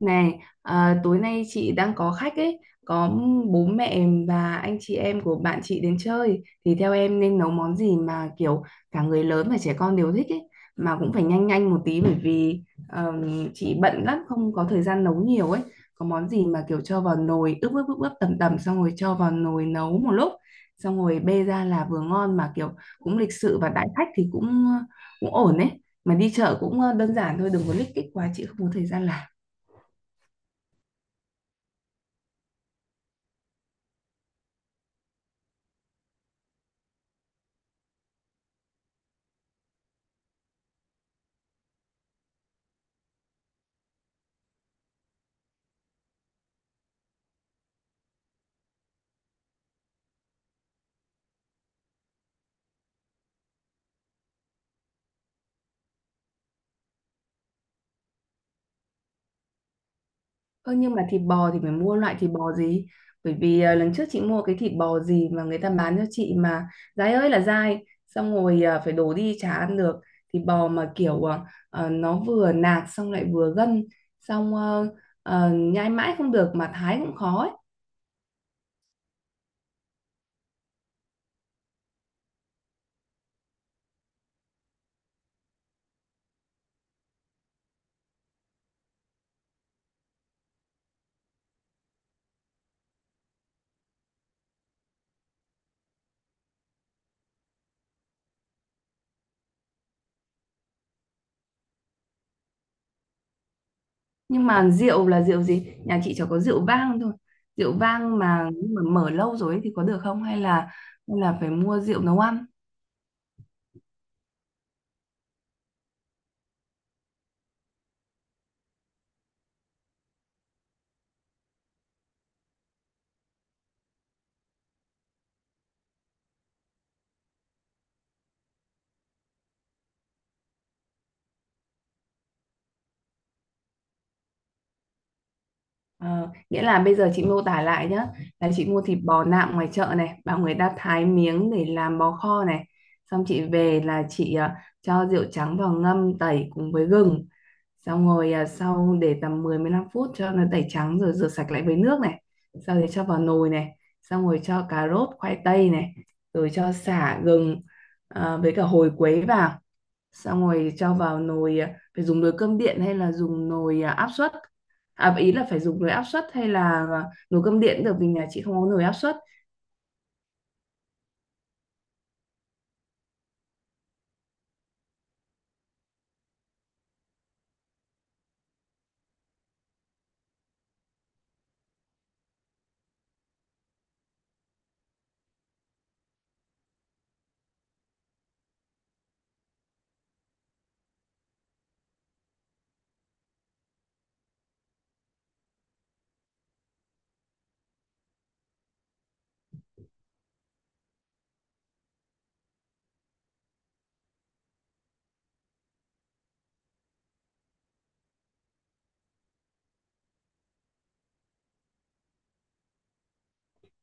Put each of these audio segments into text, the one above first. Này, à, tối nay chị đang có khách ấy, có bố mẹ và anh chị em của bạn chị đến chơi thì theo em nên nấu món gì mà kiểu cả người lớn và trẻ con đều thích ấy, mà cũng phải nhanh nhanh một tí bởi vì chị bận lắm, không có thời gian nấu nhiều ấy. Có món gì mà kiểu cho vào nồi ướp ướp ướp ướp tầm tầm xong rồi cho vào nồi nấu một lúc, xong rồi bê ra là vừa ngon mà kiểu cũng lịch sự và đãi khách thì cũng cũng ổn ấy. Mà đi chợ cũng đơn giản thôi, đừng có lích kích quá, chị không có thời gian làm. Ơ nhưng mà thịt bò thì phải mua loại thịt bò gì? Bởi vì lần trước chị mua cái thịt bò gì mà người ta bán cho chị mà dai ơi là dai, xong rồi phải đổ đi chả ăn được. Thịt bò mà kiểu nó vừa nạc xong lại vừa gân, xong nhai mãi không được mà thái cũng khó ấy. Nhưng mà rượu là rượu gì? Nhà chị chỉ có rượu vang thôi. Rượu vang mà mở lâu rồi ấy thì có được không? Hay là phải mua rượu nấu ăn? Ờ, nghĩa là bây giờ chị mô tả lại nhé, là chị mua thịt bò nạm ngoài chợ này, bảo người ta thái miếng để làm bò kho này, xong chị về là chị cho rượu trắng vào ngâm tẩy cùng với gừng, xong rồi sau để tầm mười đến mười 15 phút cho nó tẩy trắng rồi rửa sạch lại với nước này, sau đấy cho vào nồi này, xong rồi cho cà rốt khoai tây này, rồi cho sả gừng với cả hồi quế vào, xong rồi cho vào nồi phải dùng nồi cơm điện hay là dùng nồi áp suất, à ý là phải dùng nồi áp suất hay là nồi cơm điện được vì nhà chị không có nồi áp suất.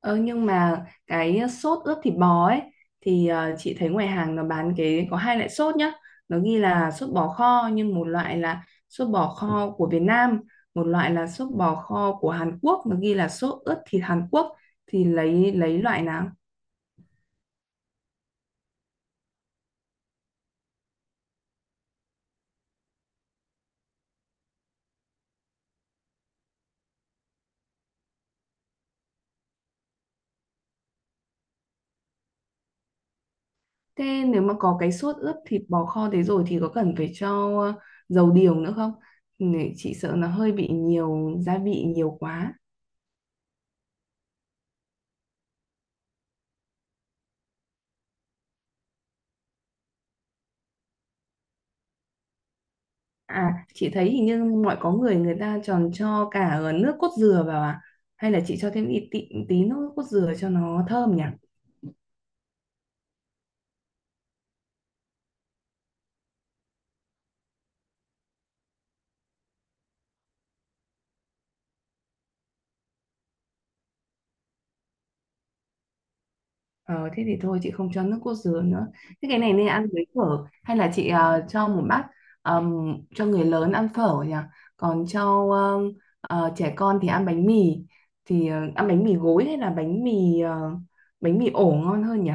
Ờ, nhưng mà cái sốt ướp thịt bò ấy thì chị thấy ngoài hàng nó bán cái có hai loại sốt nhá, nó ghi là sốt bò kho nhưng một loại là sốt bò kho của Việt Nam, một loại là sốt bò kho của Hàn Quốc, nó ghi là sốt ướp thịt Hàn Quốc, thì lấy loại nào? Thế nếu mà có cái sốt ướp thịt bò kho thế rồi thì có cần phải cho ờ, dầu điều nữa không? Nè, chị sợ nó hơi bị nhiều gia vị nhiều quá. À, chị thấy hình như mọi có người người ta tròn cho cả nước cốt dừa vào à? Hay là chị cho thêm ít tí, tí nước cốt dừa cho nó thơm nhỉ? Ờ, thế thì thôi chị không cho nước cốt dứa nữa. Thế cái này nên ăn với phở hay là chị cho một bát cho người lớn ăn phở nhỉ? Còn cho trẻ con thì ăn bánh mì, thì ăn bánh mì gối hay là bánh mì bánh mì ổ ngon hơn nhỉ?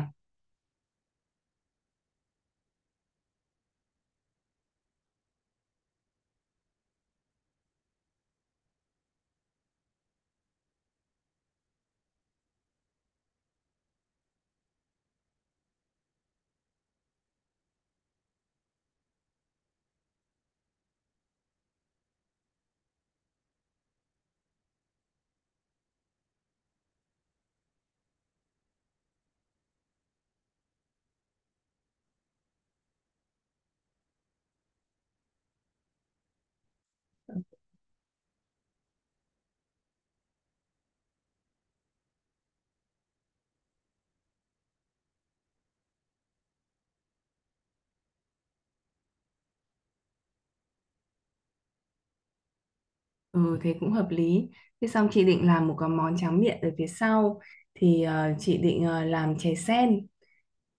Ừ thế cũng hợp lý. Thế xong chị định làm một cái món tráng miệng ở phía sau thì chị định làm chè sen.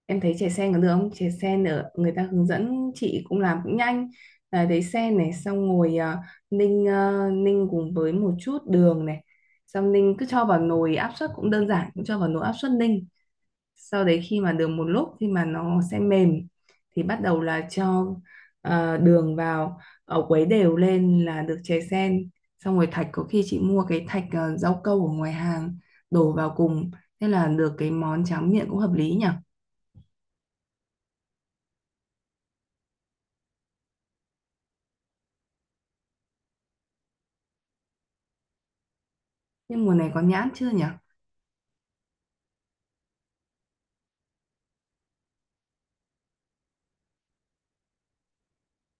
Em thấy chè sen có được không, chè sen ở người ta hướng dẫn chị cũng làm cũng nhanh, à, đấy sen này xong ngồi ninh ninh cùng với một chút đường này, xong ninh cứ cho vào nồi áp suất cũng đơn giản, cũng cho vào nồi áp suất ninh, sau đấy khi mà được một lúc khi mà nó sẽ mềm thì bắt đầu là cho đường vào, ở quấy đều lên là được chè sen, xong rồi thạch có khi chị mua cái thạch rau câu ở ngoài hàng đổ vào cùng, thế là được cái món tráng miệng cũng hợp lý nhỉ. Nhưng mùa này có nhãn chưa nhỉ?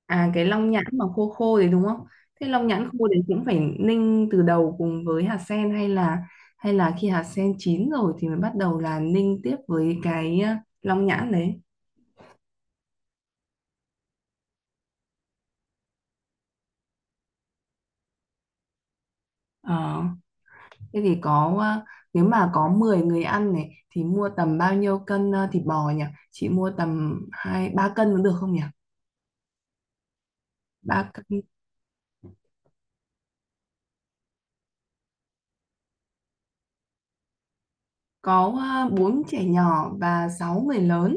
À cái long nhãn mà khô khô đấy đúng không? Thế long nhãn khô đấy cũng phải ninh từ đầu cùng với hạt sen hay là khi hạt sen chín rồi thì mới bắt đầu là ninh tiếp với cái long nhãn đấy. Ờ, thế thì có nếu mà có 10 người ăn này thì mua tầm bao nhiêu cân thịt bò nhỉ? Chị mua tầm hai ba cân cũng được không nhỉ? Ba cân, có bốn trẻ nhỏ và sáu người lớn.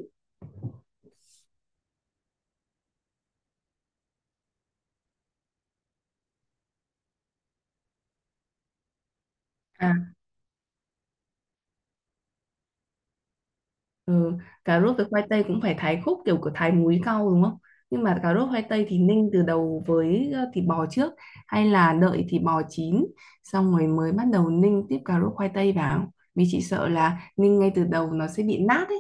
À, ừ, cà rốt với khoai tây cũng phải thái khúc kiểu của thái múi cau đúng không? Nhưng mà cà rốt khoai tây thì ninh từ đầu với thịt bò trước hay là đợi thịt bò chín xong rồi mới bắt đầu ninh tiếp cà rốt khoai tây vào. Vì chị sợ là ninh ngay từ đầu nó sẽ bị nát ấy.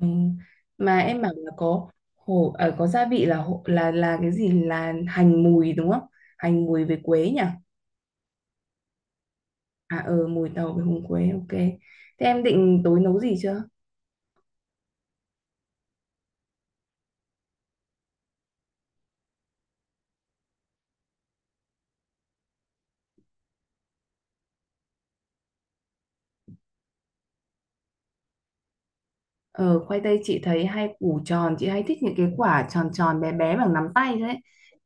Ừ. Mà em bảo là có hồ ở có gia vị là là cái gì là hành mùi đúng không? Hành mùi với quế nhỉ? À ờ mùi tàu với húng quế ok. Thế em định tối nấu gì chưa? Ờ, khoai tây chị thấy hay củ tròn, chị hay thích những cái quả tròn tròn bé bé bằng nắm tay đấy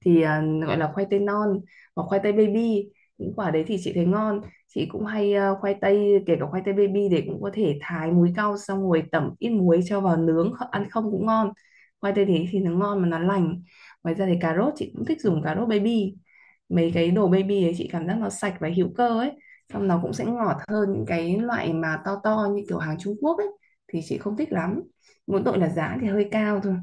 thì gọi là khoai tây non hoặc khoai tây baby, những quả đấy thì chị thấy ngon. Chị cũng hay khoai tây kể cả khoai tây baby để cũng có thể thái muối cao xong rồi tẩm ít muối cho vào nướng ăn không cũng ngon, khoai tây thì nó ngon mà nó lành. Ngoài ra thì cà rốt chị cũng thích dùng cà rốt baby, mấy cái đồ baby ấy chị cảm giác nó sạch và hữu cơ ấy, xong nó cũng sẽ ngọt hơn những cái loại mà to to như kiểu hàng Trung Quốc ấy thì chị không thích lắm, mỗi tội là giá thì hơi cao thôi.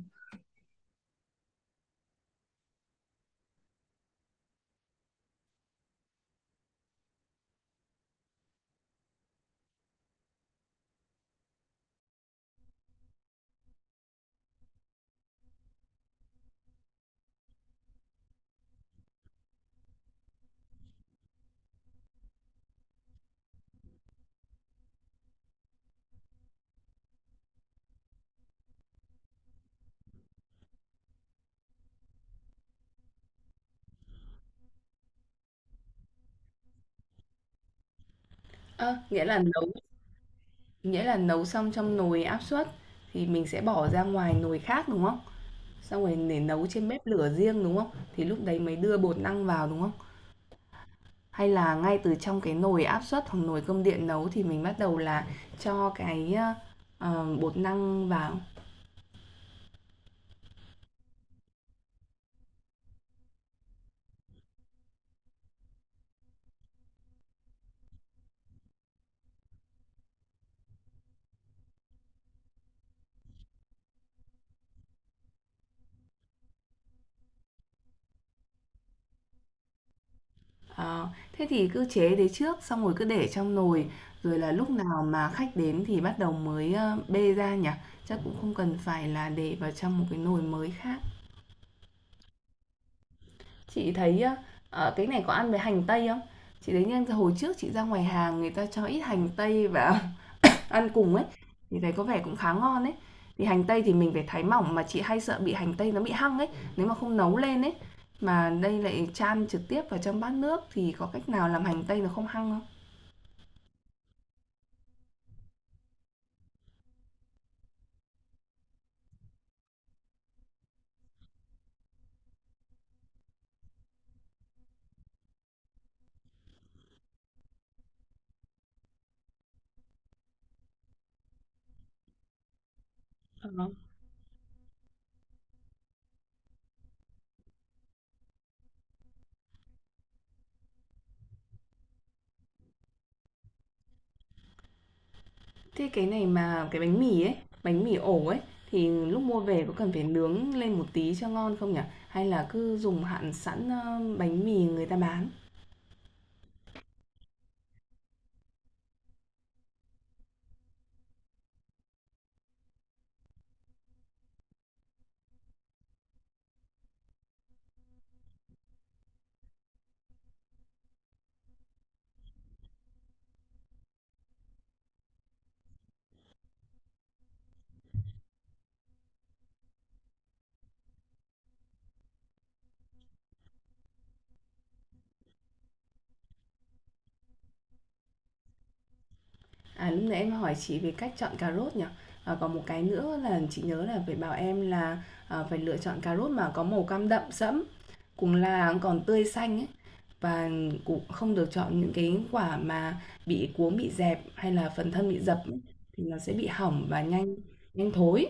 Ơ, nghĩa là nấu Nghĩa là nấu xong trong nồi áp suất thì mình sẽ bỏ ra ngoài nồi khác đúng không? Xong rồi để nấu trên bếp lửa riêng đúng không? Thì lúc đấy mới đưa bột năng vào đúng không? Hay là ngay từ trong cái nồi áp suất hoặc nồi cơm điện nấu thì mình bắt đầu là cho cái bột năng vào. Ờ, thế thì cứ chế đấy trước, xong rồi cứ để trong nồi, rồi là lúc nào mà khách đến thì bắt đầu mới, bê ra nhỉ? Chắc cũng không cần phải là để vào trong một cái nồi mới khác. Chị thấy á, cái này có ăn với hành tây không? Chị thấy nhân hồi trước chị ra ngoài hàng người ta cho ít hành tây và ăn cùng ấy, thì thấy có vẻ cũng khá ngon ấy. Thì hành tây thì mình phải thái mỏng, mà chị hay sợ bị hành tây nó bị hăng ấy, nếu mà không nấu lên ấy, mà đây lại chan trực tiếp vào trong bát nước thì có cách nào làm hành tây nó không hăng không? Ờ. Thế cái này mà cái bánh mì ấy, bánh mì ổ ấy thì lúc mua về có cần phải nướng lên một tí cho ngon không nhỉ? Hay là cứ dùng hạn sẵn, bánh mì người ta bán? À, lúc nãy em hỏi chị về cách chọn cà rốt nhỉ? Ờ, còn một cái nữa là chị nhớ là phải bảo em là, phải lựa chọn cà rốt mà có màu cam đậm sẫm, cùng là còn tươi xanh ấy, và cũng không được chọn những cái quả mà bị cuống, bị dẹp hay là phần thân bị dập ấy, thì nó sẽ bị hỏng và nhanh nhanh thối.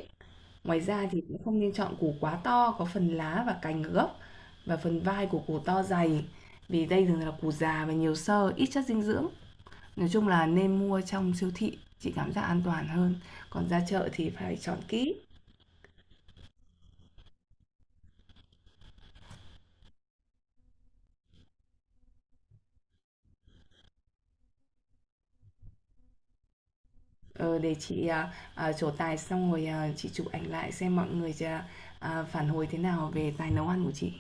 Ngoài ra thì cũng không nên chọn củ quá to, có phần lá và cành ở gốc và phần vai của củ to dày, vì đây thường là củ già và nhiều xơ, ít chất dinh dưỡng. Nói chung là nên mua trong siêu thị, chị cảm giác an toàn hơn, còn ra chợ thì phải chọn kỹ, ờ, để chị, trổ tài xong rồi, à, chị chụp ảnh lại xem mọi người phản hồi thế nào về tài nấu ăn của chị.